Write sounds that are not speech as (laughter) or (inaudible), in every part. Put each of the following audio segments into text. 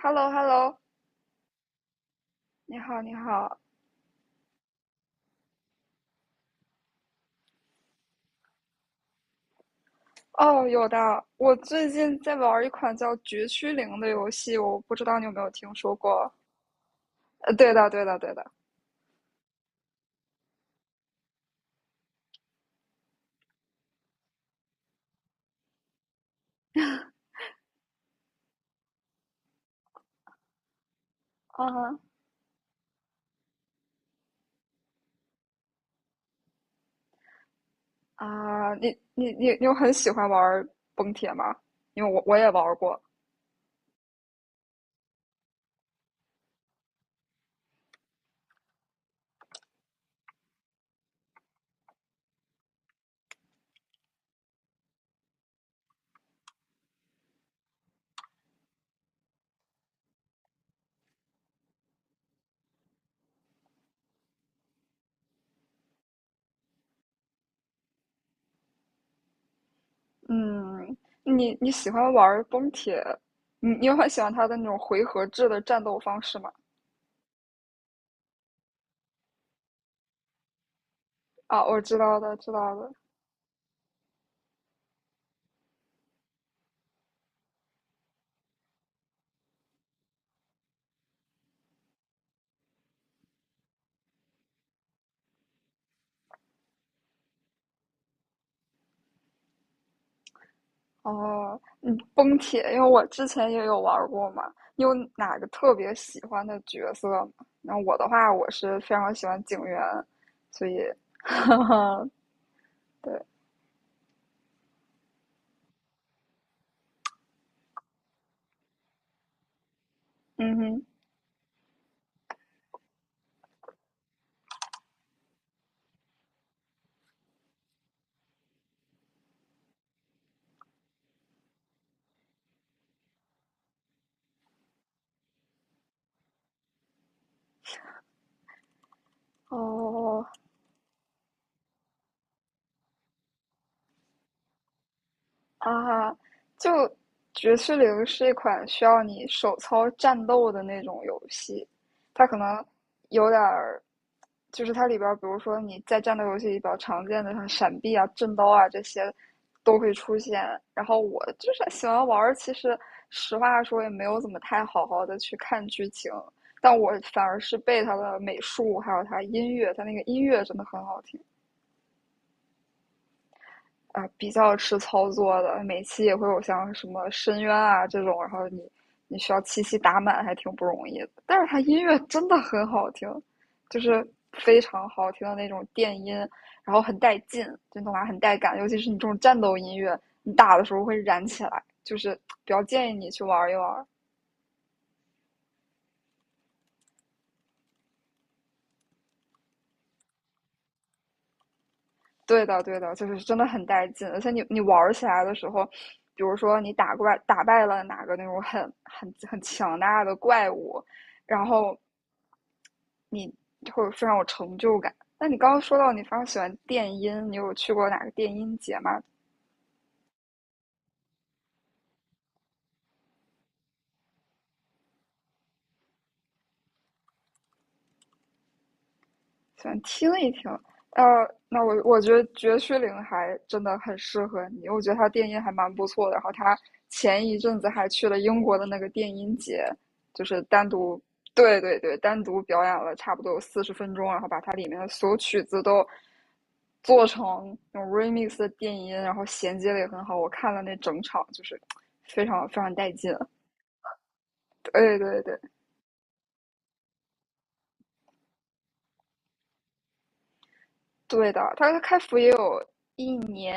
h e l l o h e l l o 你好，你好。哦，有的，我最近在玩一款叫《绝区零》的游戏，我不知道你有没有听说过？对的，对的，对的。啊啊，你有很喜欢玩崩铁吗？因为我也玩过。嗯，你喜欢玩崩铁？你有很喜欢它的那种回合制的战斗方式吗？啊，我知道的，知道的。哦，嗯，崩铁，因为我之前也有玩儿过嘛。你有哪个特别喜欢的角色吗？那我的话，我是非常喜欢警员，所以，(laughs) 嗯哼，哦，啊，就《绝士零》是一款需要你手操战斗的那种游戏，它可能有点儿，就是它里边儿，比如说你在战斗游戏里比较常见的像闪避啊、震刀啊这些都会出现。然后我就是喜欢玩儿，其实实话说也没有怎么太好好的去看剧情，但我反而是被它的美术还有它音乐，它那个音乐真的很好听。啊、比较吃操作的，每期也会有像什么深渊啊这种，然后你需要七夕打满，还挺不容易的。但是它音乐真的很好听，就是非常好听的那种电音，然后很带劲，真的话很带感，尤其是你这种战斗音乐，你打的时候会燃起来，就是比较建议你去玩一玩。对的，对的，就是真的很带劲，而且你玩儿起来的时候，比如说你打怪打败了哪个那种很很很强大的怪物，然后你会非常有成就感。那你刚刚说到你非常喜欢电音，你有去过哪个电音节吗？想听一听。呃，那我觉得绝区零还真的很适合你，我觉得他电音还蛮不错的。然后他前一阵子还去了英国的那个电音节，就是单独，对对对，单独表演了差不多有40分钟，然后把它里面的所有曲子都做成那种 remix 的电音，然后衔接的也很好。我看了那整场，就是非常非常带劲。对对对，对的，他开服也有一年，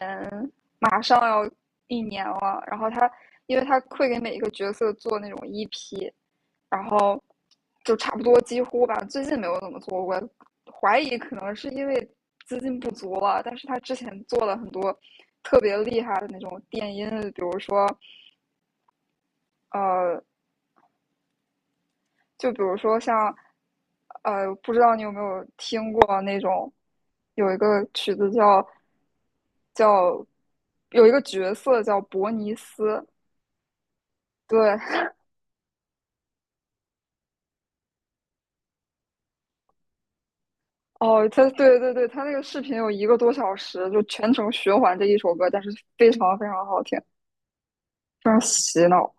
马上要一年了。然后他，因为他会给每一个角色做那种 EP，然后就差不多几乎吧，最近没有怎么做过，怀疑可能是因为资金不足了。但是他之前做了很多特别厉害的那种电音，比如说呃就比如说像，不知道你有没有听过那种，有一个曲子叫，有一个角色叫伯尼斯，对，哦，他对对对，他那个视频有一个多小时，就全程循环这一首歌，但是非常非常好听，非常洗脑，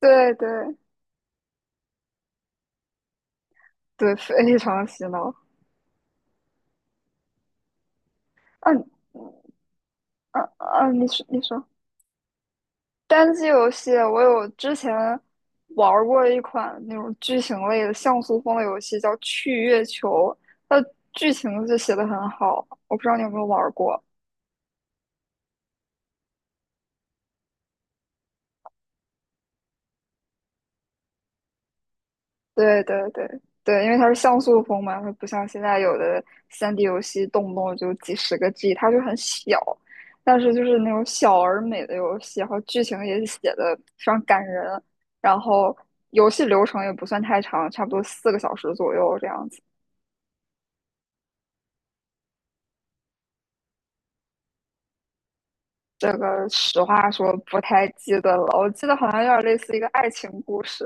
对对对，非常洗脑。嗯嗯嗯，啊你说你说，单机游戏，我有之前玩儿过一款那种剧情类的像素风的游戏，叫《去月球》，它的剧情就写的很好。我不知道你有没有玩儿过？对对对对，因为它是像素风嘛，它不像现在有的3D 游戏动不动就几十个 G，它就很小，但是就是那种小而美的游戏，然后剧情也写的非常感人，然后游戏流程也不算太长，差不多4个小时左右这样子。这个实话说不太记得了，我记得好像有点类似一个爱情故事，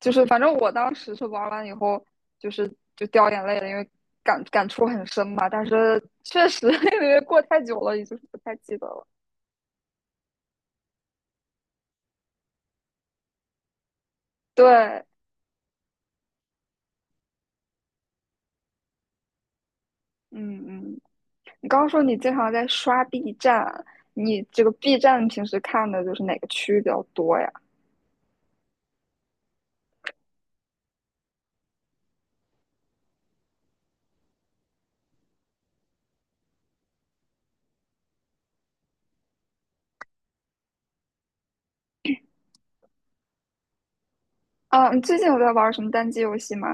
就是反正我当时是玩完以后，就是就掉眼泪了，因为感触很深嘛。但是确实 (laughs) 因为过太久了，也就是不太记得了。对，嗯嗯，你刚刚说你经常在刷 B 站，你这个 B 站平时看的就是哪个区域比较多呀？啊，你最近有在玩什么单机游戏吗？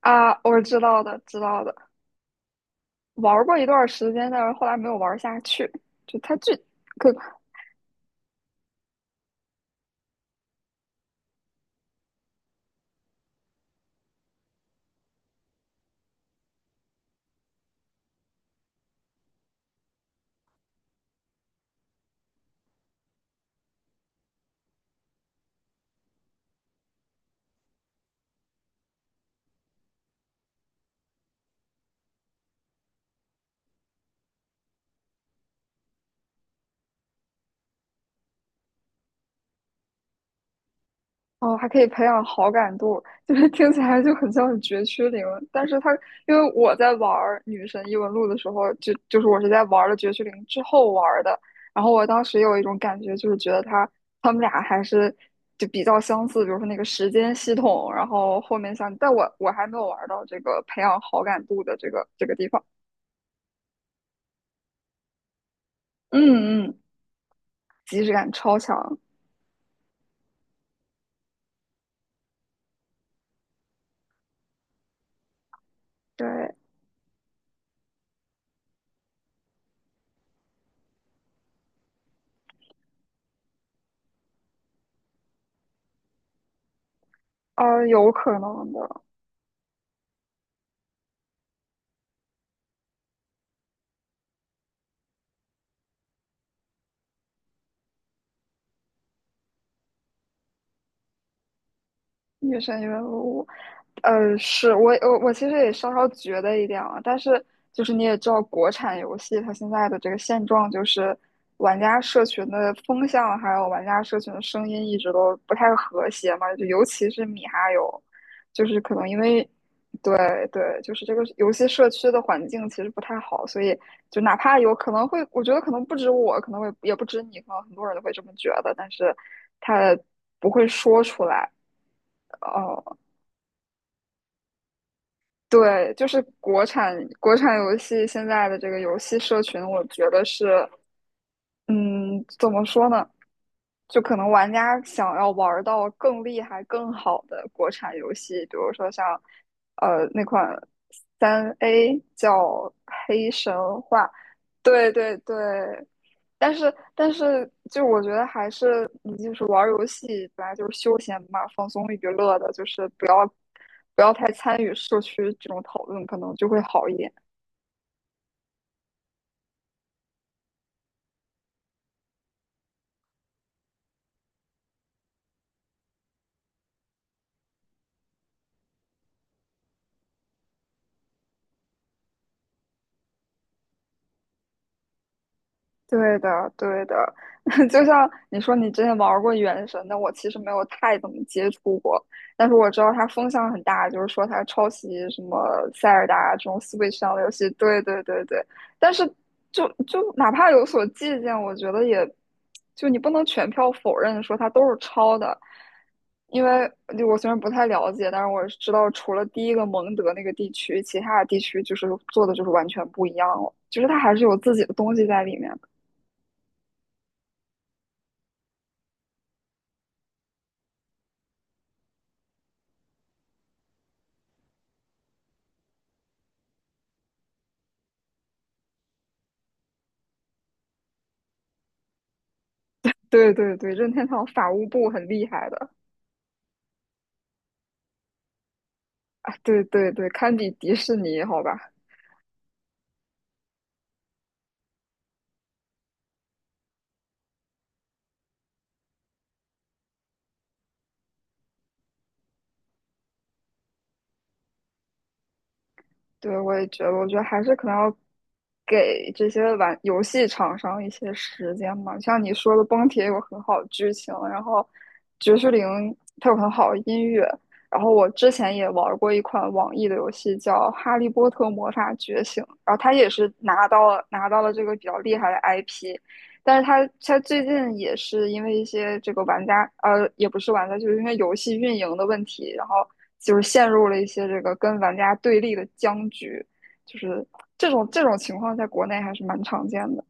啊，我知道的，知道的，玩过一段时间，但是后来没有玩下去。就它这可哦，还可以培养好感度，(laughs) 就是听起来就很像是绝区零。但是因为我在玩女神异闻录》的时候，就是我是在玩了绝区零之后玩的。然后我当时有一种感觉，就是觉得他们俩还是就比较相似，比如说那个时间系统，然后后面像，但我还没有玩到这个培养好感度的这个地方。嗯嗯，即视感超强，对。有可能的，越深越入。是我其实也稍稍觉得一点啊，但是就是你也知道，国产游戏它现在的这个现状就是，玩家社群的风向还有玩家社群的声音一直都不太和谐嘛，就尤其是米哈游，就是可能因为对对，就是这个游戏社区的环境其实不太好，所以就哪怕有可能会，我觉得可能不止我，可能会也不止你，可能很多人都会这么觉得，但是他不会说出来。哦，对，就是国产游戏现在的这个游戏社群，我觉得是，嗯，怎么说呢？就可能玩家想要玩到更厉害、更好的国产游戏，比如说像那款3A 叫《黑神话》，对对对。但是，就我觉得还是你就是玩游戏本来就是休闲嘛，放松娱乐的，就是不要太参与社区这种讨论，可能就会好一点。对的，对的，(laughs) 就像你说，你之前玩过《原神》那我其实没有太怎么接触过，但是我知道它风向很大，就是说它抄袭什么《塞尔达》这种 Switch 上的游戏。对对对对，但是就哪怕有所借鉴，我觉得也就你不能全票否认说它都是抄的，因为就我虽然不太了解，但是我知道除了第一个蒙德那个地区，其他的地区就是做的就是完全不一样了，就是它还是有自己的东西在里面。对对对，任天堂法务部很厉害的啊，对对对，堪比迪士尼，好吧？对，我也觉得，我觉得还是可能要给这些玩游戏厂商一些时间嘛。像你说的，《崩铁》有很好的剧情，然后《爵士零》它有很好的音乐。然后我之前也玩过一款网易的游戏叫《哈利波特魔法觉醒》，然后它也是拿到了这个比较厉害的 IP，但是它最近也是因为一些这个玩家也不是玩家，就是因为游戏运营的问题，然后就是陷入了一些这个跟玩家对立的僵局，就是这种情况在国内还是蛮常见的。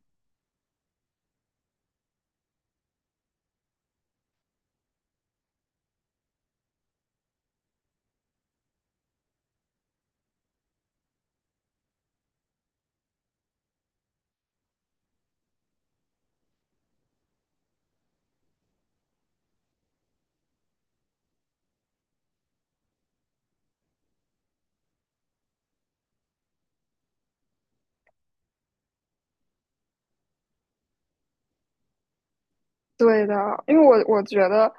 对的，因为我觉得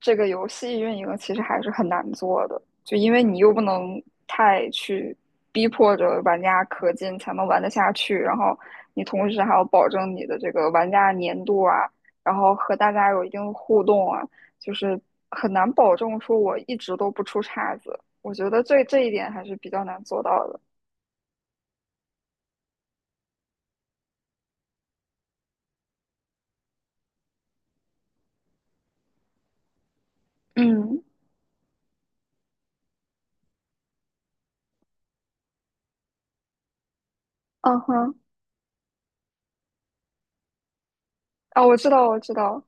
这个游戏运营其实还是很难做的，就因为你又不能太去逼迫着玩家氪金才能玩得下去，然后你同时还要保证你的这个玩家粘度啊，然后和大家有一定的互动啊，就是很难保证说我一直都不出岔子。我觉得这一点还是比较难做到的。嗯，嗯哼，啊，我知道，我知道，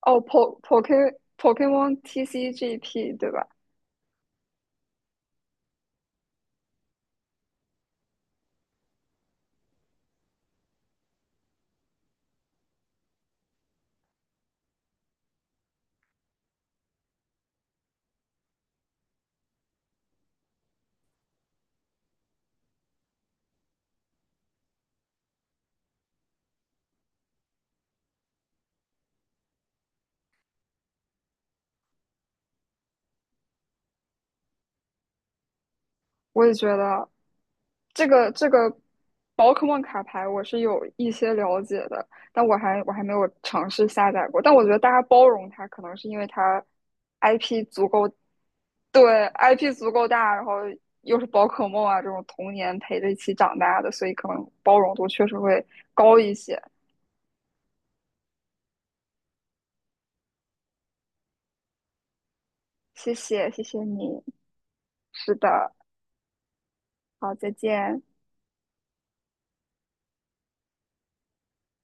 哦，Pokemon TCGP 对吧？我也觉得这个宝可梦卡牌我是有一些了解的，但我还没有尝试下载过。但我觉得大家包容它，可能是因为它 IP 足够，对 IP 足够大，然后又是宝可梦啊这种童年陪着一起长大的，所以可能包容度确实会高一些。谢谢，谢谢你。是的，好，再见。